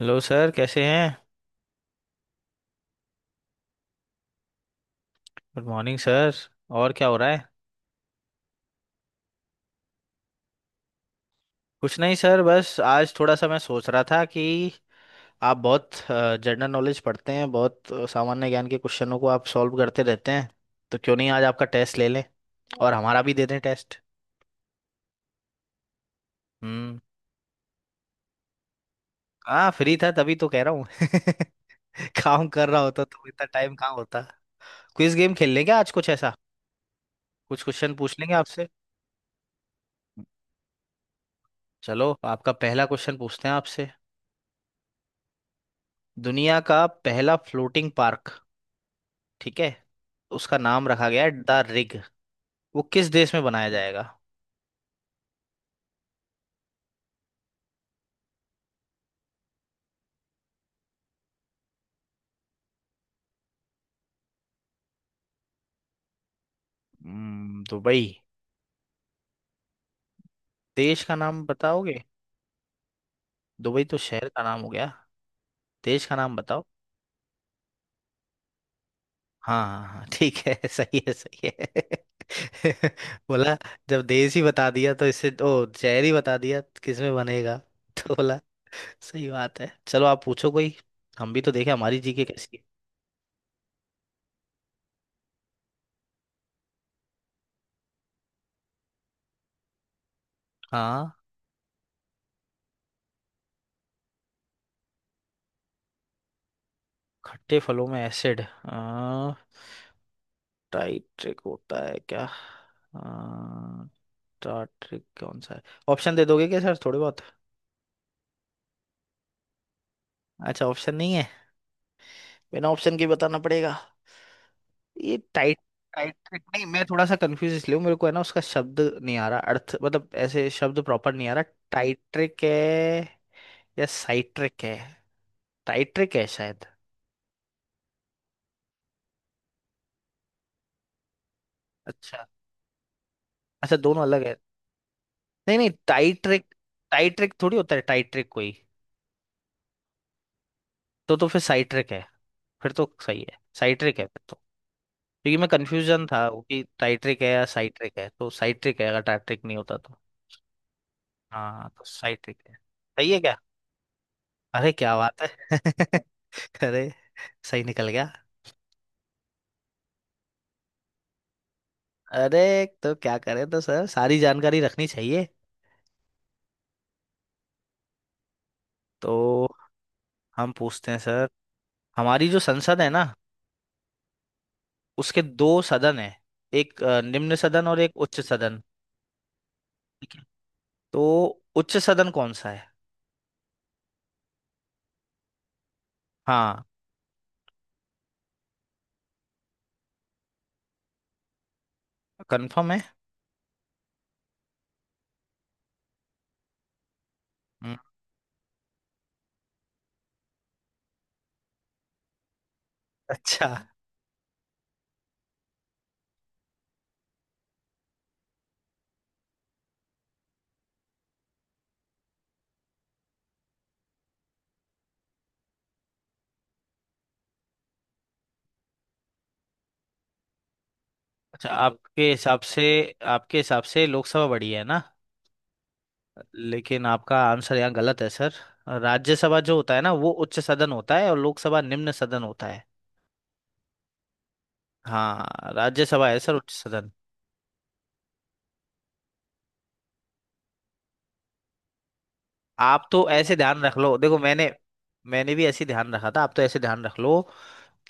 Hello sir, कैसे हैं। Good morning sir. और क्या हो रहा है। कुछ नहीं सर, बस आज थोड़ा सा मैं सोच रहा था कि आप बहुत जनरल नॉलेज पढ़ते हैं, बहुत सामान्य ज्ञान के क्वेश्चनों को आप सॉल्व करते रहते हैं। तो क्यों नहीं आज आपका टेस्ट ले लें, और हमारा भी दे दें टेस्ट। हम्म। हाँ, फ्री था तभी तो कह रहा हूँ। काम कर रहा होता तो इतना टाइम कहाँ होता। क्विज गेम खेल लेंगे आज कुछ ऐसा। कुछ क्वेश्चन पूछ लेंगे आपसे। चलो, आपका पहला क्वेश्चन पूछते हैं आपसे। दुनिया का पहला फ्लोटिंग पार्क, ठीक है, उसका नाम रखा गया है द रिग, वो किस देश में बनाया जाएगा। दुबई। देश का नाम बताओगे। दुबई तो शहर का नाम हो गया, देश का नाम बताओ। हाँ, हाँ, हाँ, ठीक है। सही है, सही है। बोला, जब देश ही बता दिया तो इससे ओ शहर ही बता दिया किसमें बनेगा। तो बोला, सही बात है। चलो, आप पूछो कोई। हम भी तो देखें हमारी जीके कैसी है। हाँ। खट्टे फलों में एसिड टाइट्रिक होता है क्या। आ, स्टार ट्रेक कौन सा है। ऑप्शन दे दोगे क्या सर थोड़े बहुत। अच्छा, ऑप्शन नहीं है। बिना ऑप्शन के बताना पड़ेगा। ये टाइट्रिक नहीं, मैं थोड़ा सा कंफ्यूज इसलिए हूँ, मेरे को है ना, उसका शब्द नहीं आ रहा, अर्थ मतलब ऐसे शब्द प्रॉपर नहीं आ रहा। टाइट्रिक है या साइट्रिक है, टाइट्रिक है शायद। अच्छा, अच्छा, दोनों अलग है। नहीं, नहीं, टाइट्रिक। टाइट्रिक थोड़ी होता है, टाइट्रिक कोई। तो फिर साइट्रिक है। फिर तो सही है, साइट्रिक है फिर तो। क्योंकि मैं कंफ्यूजन था वो कि टाइट्रिक है या साइट्रिक है, तो साइट्रिक है, अगर टाइट्रिक नहीं होता तो। हाँ, तो साइट्रिक है सही है क्या। अरे क्या बात है। अरे, सही निकल गया। अरे, तो क्या करें, तो सर, सारी जानकारी रखनी चाहिए। तो हम पूछते हैं सर। हमारी जो संसद है ना, उसके दो सदन है, एक निम्न सदन और एक उच्च सदन। तो उच्च सदन कौन सा है। हाँ। कंफर्म है। अच्छा, अच्छा, आपके हिसाब से, आपके हिसाब से लोकसभा बड़ी है ना। लेकिन आपका आंसर यहाँ गलत है सर। राज्यसभा जो होता है ना, वो उच्च सदन होता है और लोकसभा निम्न सदन होता है। हाँ, राज्यसभा है सर उच्च सदन। आप तो ऐसे ध्यान रख लो, देखो, मैंने मैंने भी ऐसे ध्यान रखा था, आप तो ऐसे ध्यान रख लो।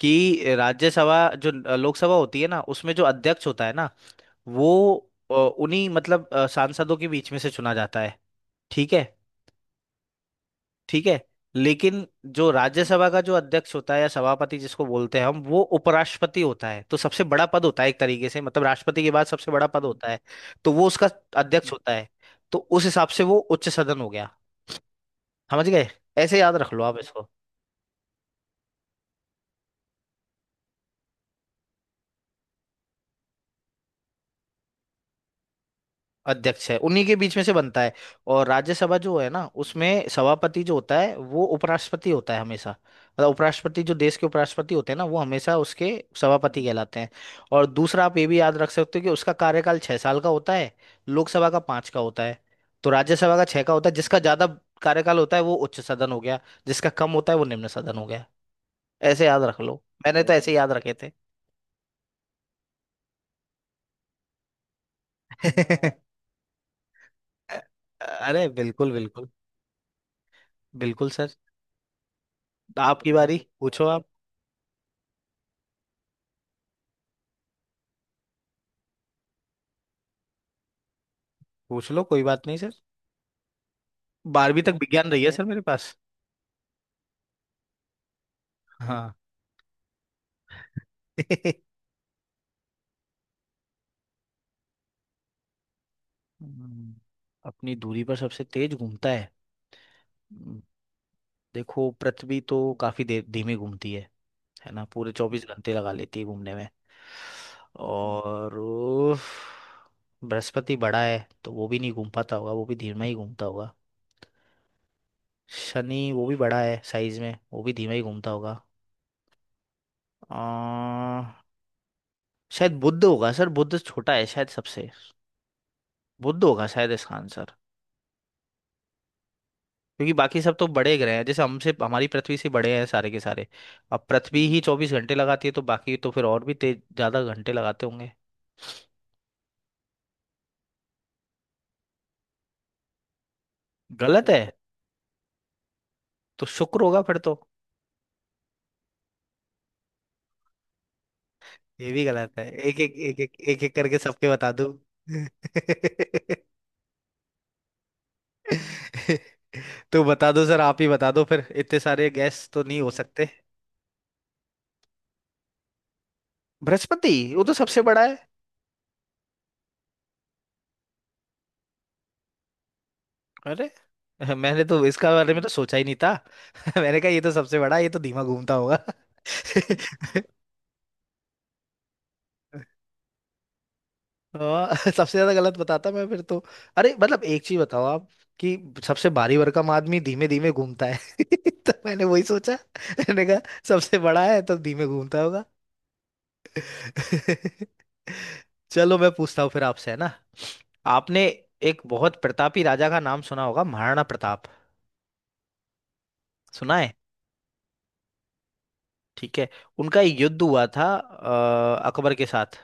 कि राज्यसभा जो लोकसभा होती है ना, उसमें जो अध्यक्ष होता है ना, वो उन्हीं मतलब सांसदों के बीच में से चुना जाता है। ठीक है, ठीक है, लेकिन जो राज्यसभा का जो अध्यक्ष होता है या सभापति जिसको बोलते हैं हम, वो उपराष्ट्रपति होता है, तो सबसे बड़ा पद होता है एक तरीके से, मतलब राष्ट्रपति के बाद सबसे बड़ा पद होता है। तो वो उसका अध्यक्ष होता है। तो उस हिसाब से वो उच्च सदन हो गया। समझ गए, ऐसे याद रख लो आप इसको। अध्यक्ष है उन्हीं के बीच में से बनता है। और राज्यसभा जो है ना, उसमें सभापति जो होता है, वो उपराष्ट्रपति होता है हमेशा, मतलब उपराष्ट्रपति जो देश के उपराष्ट्रपति होते हैं ना, वो हमेशा उसके सभापति कहलाते हैं। और दूसरा आप ये भी याद रख सकते हो, कि उसका कार्यकाल 6 साल का होता है। लोकसभा का पांच का होता है। तो राज्यसभा का छह का होता है, जिसका ज्यादा कार्यकाल होता है वो उच्च सदन हो गया। जिसका कम होता है वो निम्न सदन हो गया। ऐसे याद रख लो, मैंने तो ऐसे ही याद रखे थे। वाह। अरे बिल्कुल, बिल्कुल, बिल्कुल सर। आपकी बारी, पूछो आप। पूछ लो कोई बात नहीं सर, 12वीं तक विज्ञान रही है सर मेरे पास। हाँ। हम्म, अपनी दूरी पर सबसे तेज घूमता है। हम्म, देखो, पृथ्वी तो काफी देर धीमे घूमती है। है ना, पूरे 24 घंटे लगा लेती है घूमने में। और उफ, बृहस्पति बड़ा है, तो वो भी नहीं घूम पाता होगा, वो भी धीमा ही घूमता होगा। शनि वो भी बड़ा है साइज में, वो भी धीमा ही घूमता होगा। आ, शायद बुध होगा सर, बुध छोटा है शायद सबसे। बुध होगा शायद इसका आंसर। क्योंकि बाकी सब तो बड़े ग्रह हैं, जैसे हमसे हमारी पृथ्वी से बड़े हैं सारे के सारे। अब पृथ्वी ही 24 घंटे लगाती है, तो बाकी तो फिर और भी तेज ज्यादा घंटे लगाते होंगे। गलत है तो शुक्र होगा फिर तो। ये भी गलत है, एक एक एक एक एक एक करके सबके बता दूं। तो बता दो सर, आप ही बता दो फिर, इतने सारे गैस तो नहीं हो सकते। बृहस्पति? वो तो सबसे बड़ा है। अरे। मैंने तो इसका बारे में तो सोचा ही नहीं था। मैंने कहा ये तो सबसे बड़ा है, ये तो धीमा घूमता होगा। हाँ। सबसे ज्यादा गलत बताता मैं फिर तो। अरे मतलब एक चीज बताओ आप कि सबसे भारी भरकम आदमी धीमे धीमे घूमता है। तो मैंने वही सोचा, मैंने कहा सबसे बड़ा है तो धीमे घूमता होगा। चलो मैं पूछता हूँ फिर आपसे है ना। आपने एक बहुत प्रतापी राजा का नाम सुना होगा, महाराणा प्रताप, सुना है। ठीक है, उनका एक युद्ध हुआ था अकबर के साथ।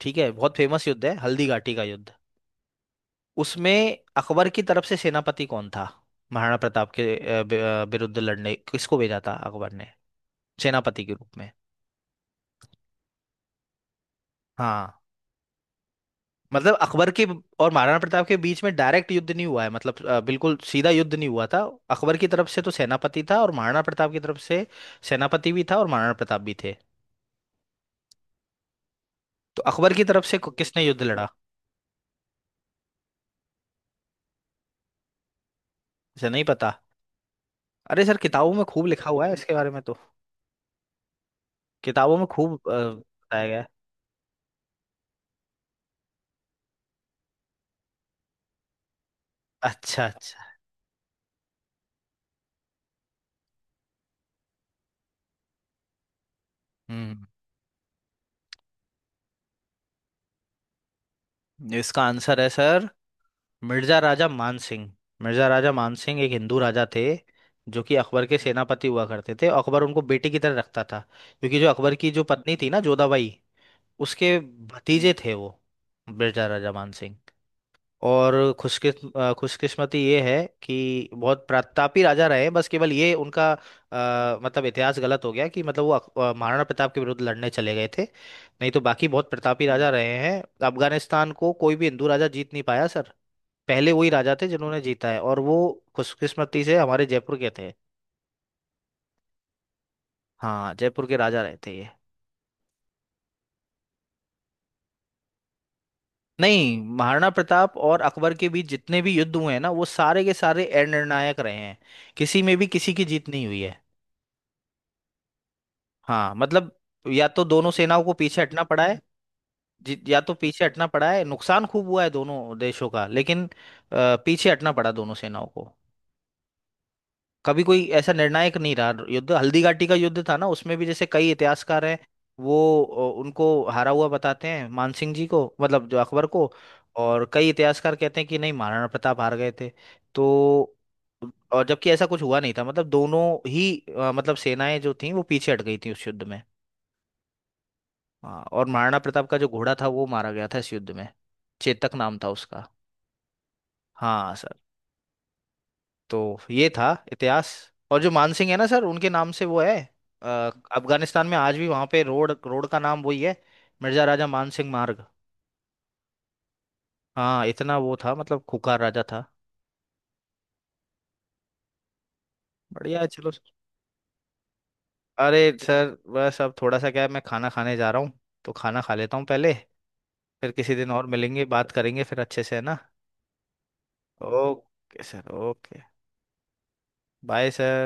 ठीक है, बहुत फेमस युद्ध है, हल्दी घाटी का युद्ध। उसमें अकबर की तरफ से सेनापति कौन था। महाराणा प्रताप के विरुद्ध लड़ने किसको भेजा था अकबर ने। सेनापति के रूप में। हाँ, मतलब अकबर के और महाराणा प्रताप के बीच में डायरेक्ट युद्ध नहीं हुआ है, मतलब बिल्कुल सीधा युद्ध नहीं हुआ था। अकबर की तरफ से तो सेनापति था, और महाराणा प्रताप की तरफ से सेनापति भी था और महाराणा प्रताप भी थे। तो अकबर की तरफ से किसने युद्ध लड़ा। मुझे नहीं पता। अरे सर, किताबों में खूब लिखा हुआ है इसके बारे में तो। किताबों में खूब बताया गया है। अच्छा, अच्छा। हम्म इसका आंसर है सर। मिर्जा राजा मान सिंह। मिर्जा राजा मान सिंह एक हिंदू राजा थे, जो कि अकबर के सेनापति हुआ करते थे। अकबर उनको बेटे की तरह रखता था। क्योंकि जो अकबर की जो पत्नी थी ना जोधाबाई, उसके भतीजे थे वो, मिर्जा राजा मान सिंह। और खुशकिस्मती ये है कि बहुत प्रतापी राजा रहे, बस केवल ये उनका मतलब इतिहास गलत हो गया कि मतलब वो महाराणा प्रताप के विरुद्ध लड़ने चले गए थे, नहीं तो बाकी बहुत प्रतापी राजा रहे हैं। अफगानिस्तान को कोई भी हिंदू राजा जीत नहीं पाया सर। पहले वही राजा थे जिन्होंने जीता है, और वो खुशकिस्मती से हमारे जयपुर के थे। हाँ, जयपुर के राजा रहे थे ये। नहीं, महाराणा प्रताप और अकबर के बीच जितने भी युद्ध हुए हैं ना, वो सारे के सारे अनिर्णायक रहे हैं। किसी में भी किसी की जीत नहीं हुई है। हाँ मतलब, या तो दोनों सेनाओं को पीछे हटना पड़ा है। या तो पीछे हटना पड़ा है, नुकसान खूब हुआ है दोनों देशों का, लेकिन पीछे हटना पड़ा दोनों सेनाओं को। कभी कोई ऐसा निर्णायक नहीं रहा युद्ध। हल्दी घाटी का युद्ध था ना, उसमें भी जैसे कई इतिहासकार हैं। वो उनको हारा हुआ बताते हैं, मानसिंह जी को, मतलब जो अकबर को। और कई इतिहासकार कहते हैं कि नहीं, महाराणा प्रताप हार गए थे। तो और जबकि ऐसा कुछ हुआ नहीं था, मतलब दोनों ही मतलब सेनाएं जो थी वो पीछे हट गई थी उस युद्ध में। हाँ, और महाराणा प्रताप का जो घोड़ा था वो मारा गया था इस युद्ध में। चेतक नाम था उसका। हाँ सर। तो ये था इतिहास। और जो मानसिंह है ना सर, उनके नाम से वो है, अफगानिस्तान में आज भी वहां पे रोड रोड का नाम वही है। मिर्जा राजा मानसिंह मार्ग। हाँ, इतना वो था, मतलब खुकार राजा था। बढ़िया है चलो सर। अरे सर, बस अब थोड़ा सा क्या है, मैं खाना खाने जा रहा हूँ, तो खाना खा लेता हूँ पहले। फिर किसी दिन और मिलेंगे, बात करेंगे फिर अच्छे से है ना। Okay sir, okay. Bye sir.